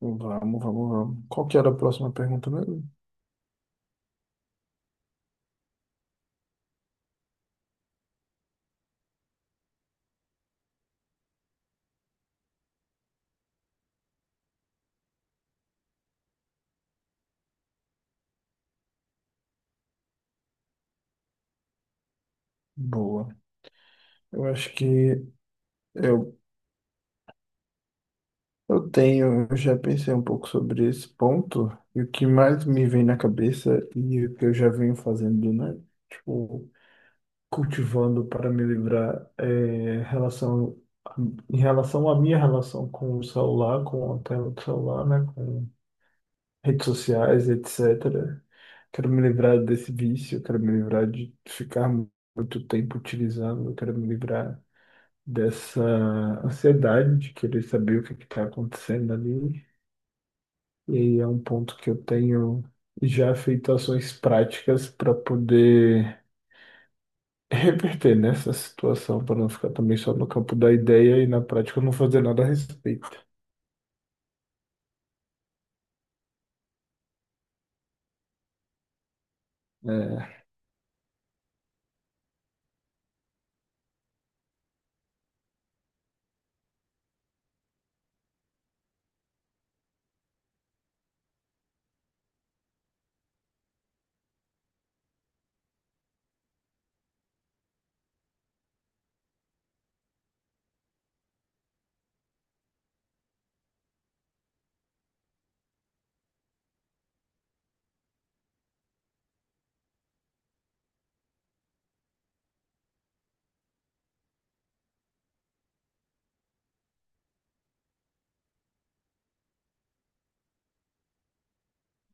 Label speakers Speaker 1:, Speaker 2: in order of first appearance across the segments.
Speaker 1: Vamos. Qual que era a próxima pergunta mesmo? Boa. Eu acho que eu, eu tenho, eu já pensei um pouco sobre esse ponto, e o que mais me vem na cabeça e o que eu já venho fazendo, né? Tipo, cultivando para me livrar relação, em relação à minha relação com o celular, com a tela do celular, né? Redes sociais, etc. Quero me livrar desse vício, quero me livrar de ficar muito tempo utilizando, quero me livrar dessa ansiedade de querer saber o que está acontecendo ali. E aí é um ponto que eu tenho já feito ações práticas para poder reverter nessa situação, para não ficar também só no campo da ideia e na prática não fazer nada a respeito. É,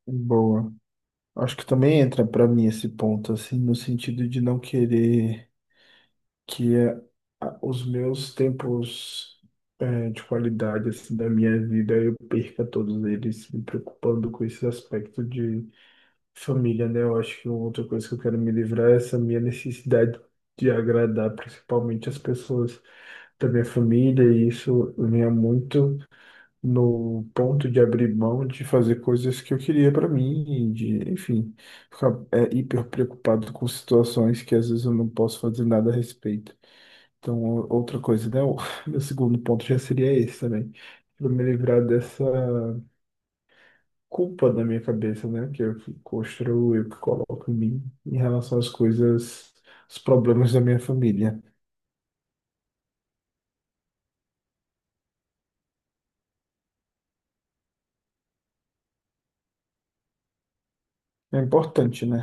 Speaker 1: boa. Acho que também entra para mim esse ponto, assim, no sentido de não querer que é os meus tempos de qualidade assim, da minha vida, eu perca todos eles me preocupando com esse aspecto de família, né? Eu acho que outra coisa que eu quero me livrar é essa minha necessidade de agradar principalmente as pessoas da minha família, e isso vinha muito no ponto de abrir mão de fazer coisas que eu queria para mim, e de, enfim, ficar hiper preocupado com situações que às vezes eu não posso fazer nada a respeito. Então, outra coisa, né? O meu segundo ponto já seria esse também. Pra me livrar dessa culpa da minha cabeça, né? Que eu que construo, eu que coloco em mim em relação às coisas, os problemas da minha família. É importante, né?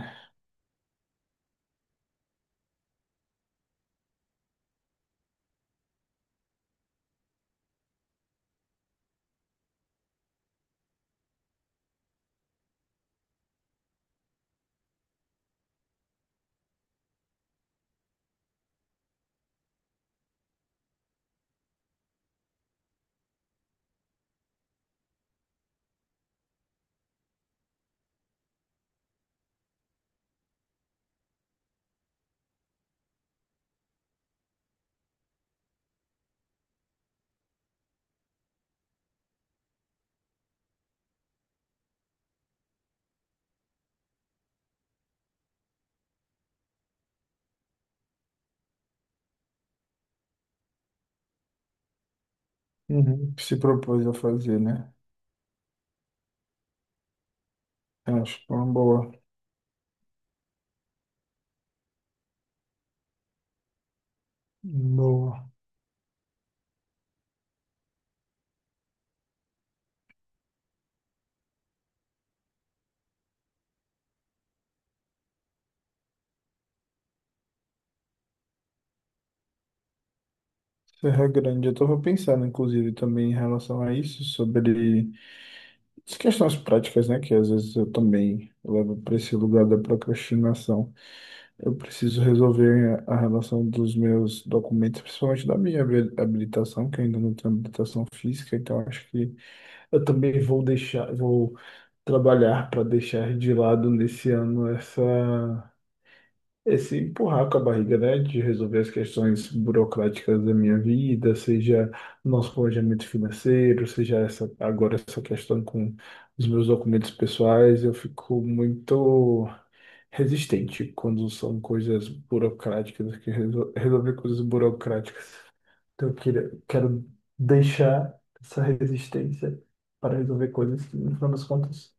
Speaker 1: Uhum. Se propôs a fazer, né? Eu acho que é uma boa, boa. Serra Grande, eu tava pensando, inclusive, também em relação a isso, sobre as questões práticas, né? Que às vezes eu também levo para esse lugar da procrastinação. Eu preciso resolver a relação dos meus documentos, principalmente da minha habilitação, que eu ainda não tenho habilitação física, então acho que eu também vou deixar, vou trabalhar para deixar de lado nesse ano essa, esse empurrar com a barriga, né, de resolver as questões burocráticas da minha vida, seja nosso planejamento financeiro, seja essa, agora essa questão com os meus documentos pessoais, eu fico muito resistente quando são coisas burocráticas, que resolver coisas burocráticas. Então eu queria, quero deixar essa resistência para resolver coisas que, no final das contas,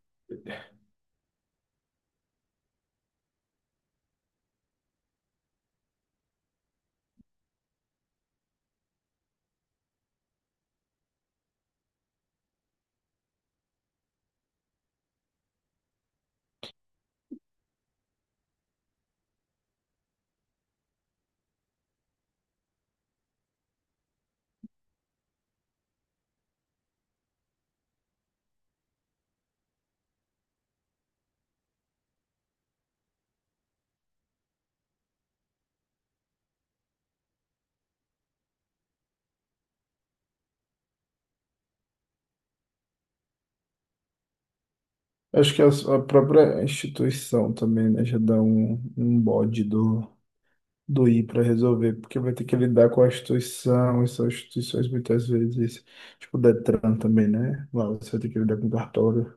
Speaker 1: acho que a, a própria instituição também, né, já dá um, um bode do, do ir para resolver, porque vai ter que lidar com a instituição, e são instituições muitas vezes, tipo o Detran também, né? Lá você vai ter que lidar com cartório.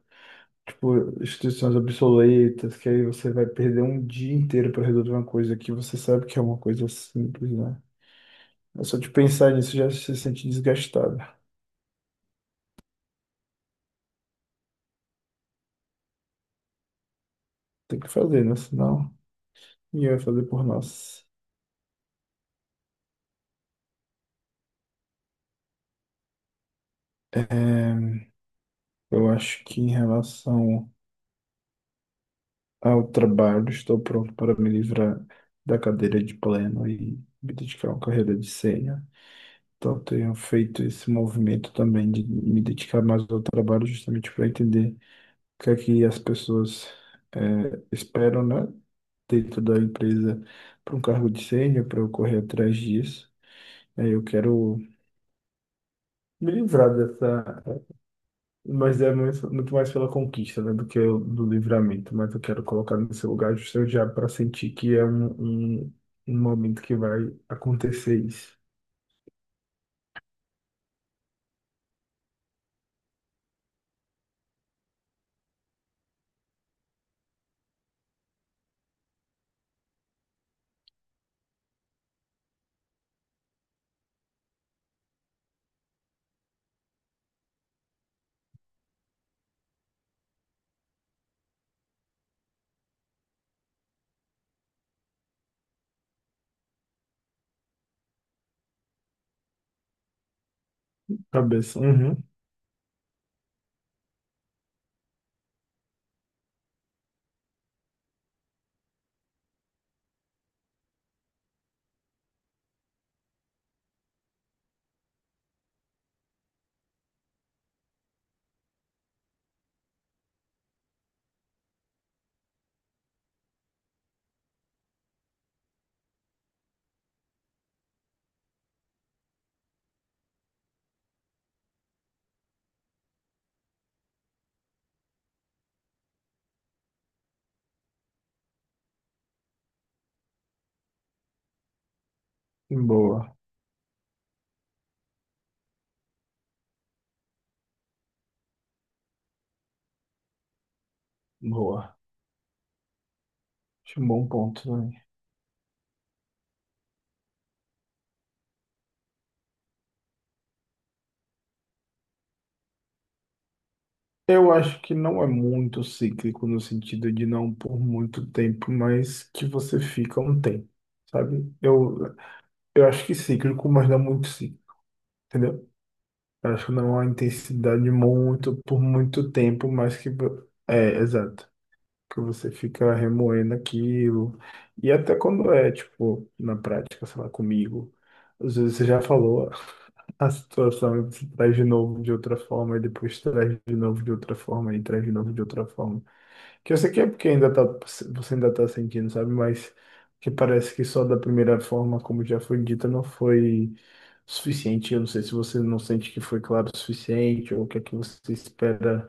Speaker 1: Tipo, instituições obsoletas, que aí você vai perder um dia inteiro para resolver uma coisa que você sabe que é uma coisa simples, né? É só de pensar nisso já se sente desgastado. Tem que fazer, né? Senão ninguém vai fazer por nós. Eu acho que em relação ao trabalho, estou pronto para me livrar da cadeira de pleno e me dedicar a uma carreira de sênior. Então, tenho feito esse movimento também de me dedicar mais ao trabalho justamente para entender o que é que as pessoas esperam, né, dentro da empresa para um cargo de sênior, para eu correr atrás disso. Eu quero me livrar dessa, mas é muito, muito mais pela conquista, né, do que do livramento, mas eu quero colocar no seu lugar justamente já para sentir que é um, um, um momento que vai acontecer isso. Cabeça, uhum. Boa, boa. Acho um bom ponto, né? Eu acho que não é muito cíclico no sentido de não por muito tempo, mas que você fica um tempo, sabe? Eu acho que cíclico, mas não muito cíclico, entendeu? Eu acho que não é uma intensidade muito por muito tempo, mas que é, exato, que você fica remoendo aquilo. E até quando é, tipo, na prática, sei lá, comigo, às vezes você já falou a situação e você traz de novo de outra forma, e depois traz de novo de outra forma, e traz de novo de outra forma. Que eu sei que é porque ainda tá, você ainda tá sentindo, sabe? Mas que parece que só da primeira forma, como já foi dita, não foi suficiente. Eu não sei se você não sente que foi claro o suficiente ou o que é que você espera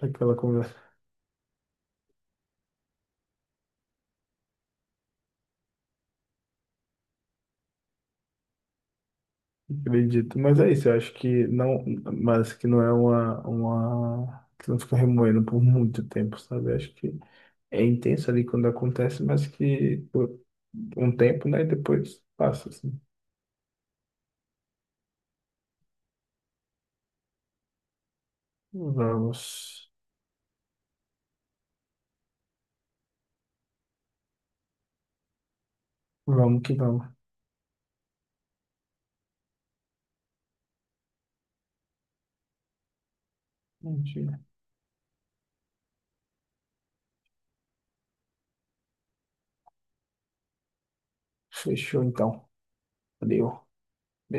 Speaker 1: daquela conversa. Acredito. Mas é isso, eu acho que não, mas que não é uma, que não fica remoendo por muito tempo, sabe? Eu acho que é intenso ali quando acontece, mas que por um tempo, né? E depois passa, assim. Vamos, vamos que vamos. Entendi. Fechou então. Valeu.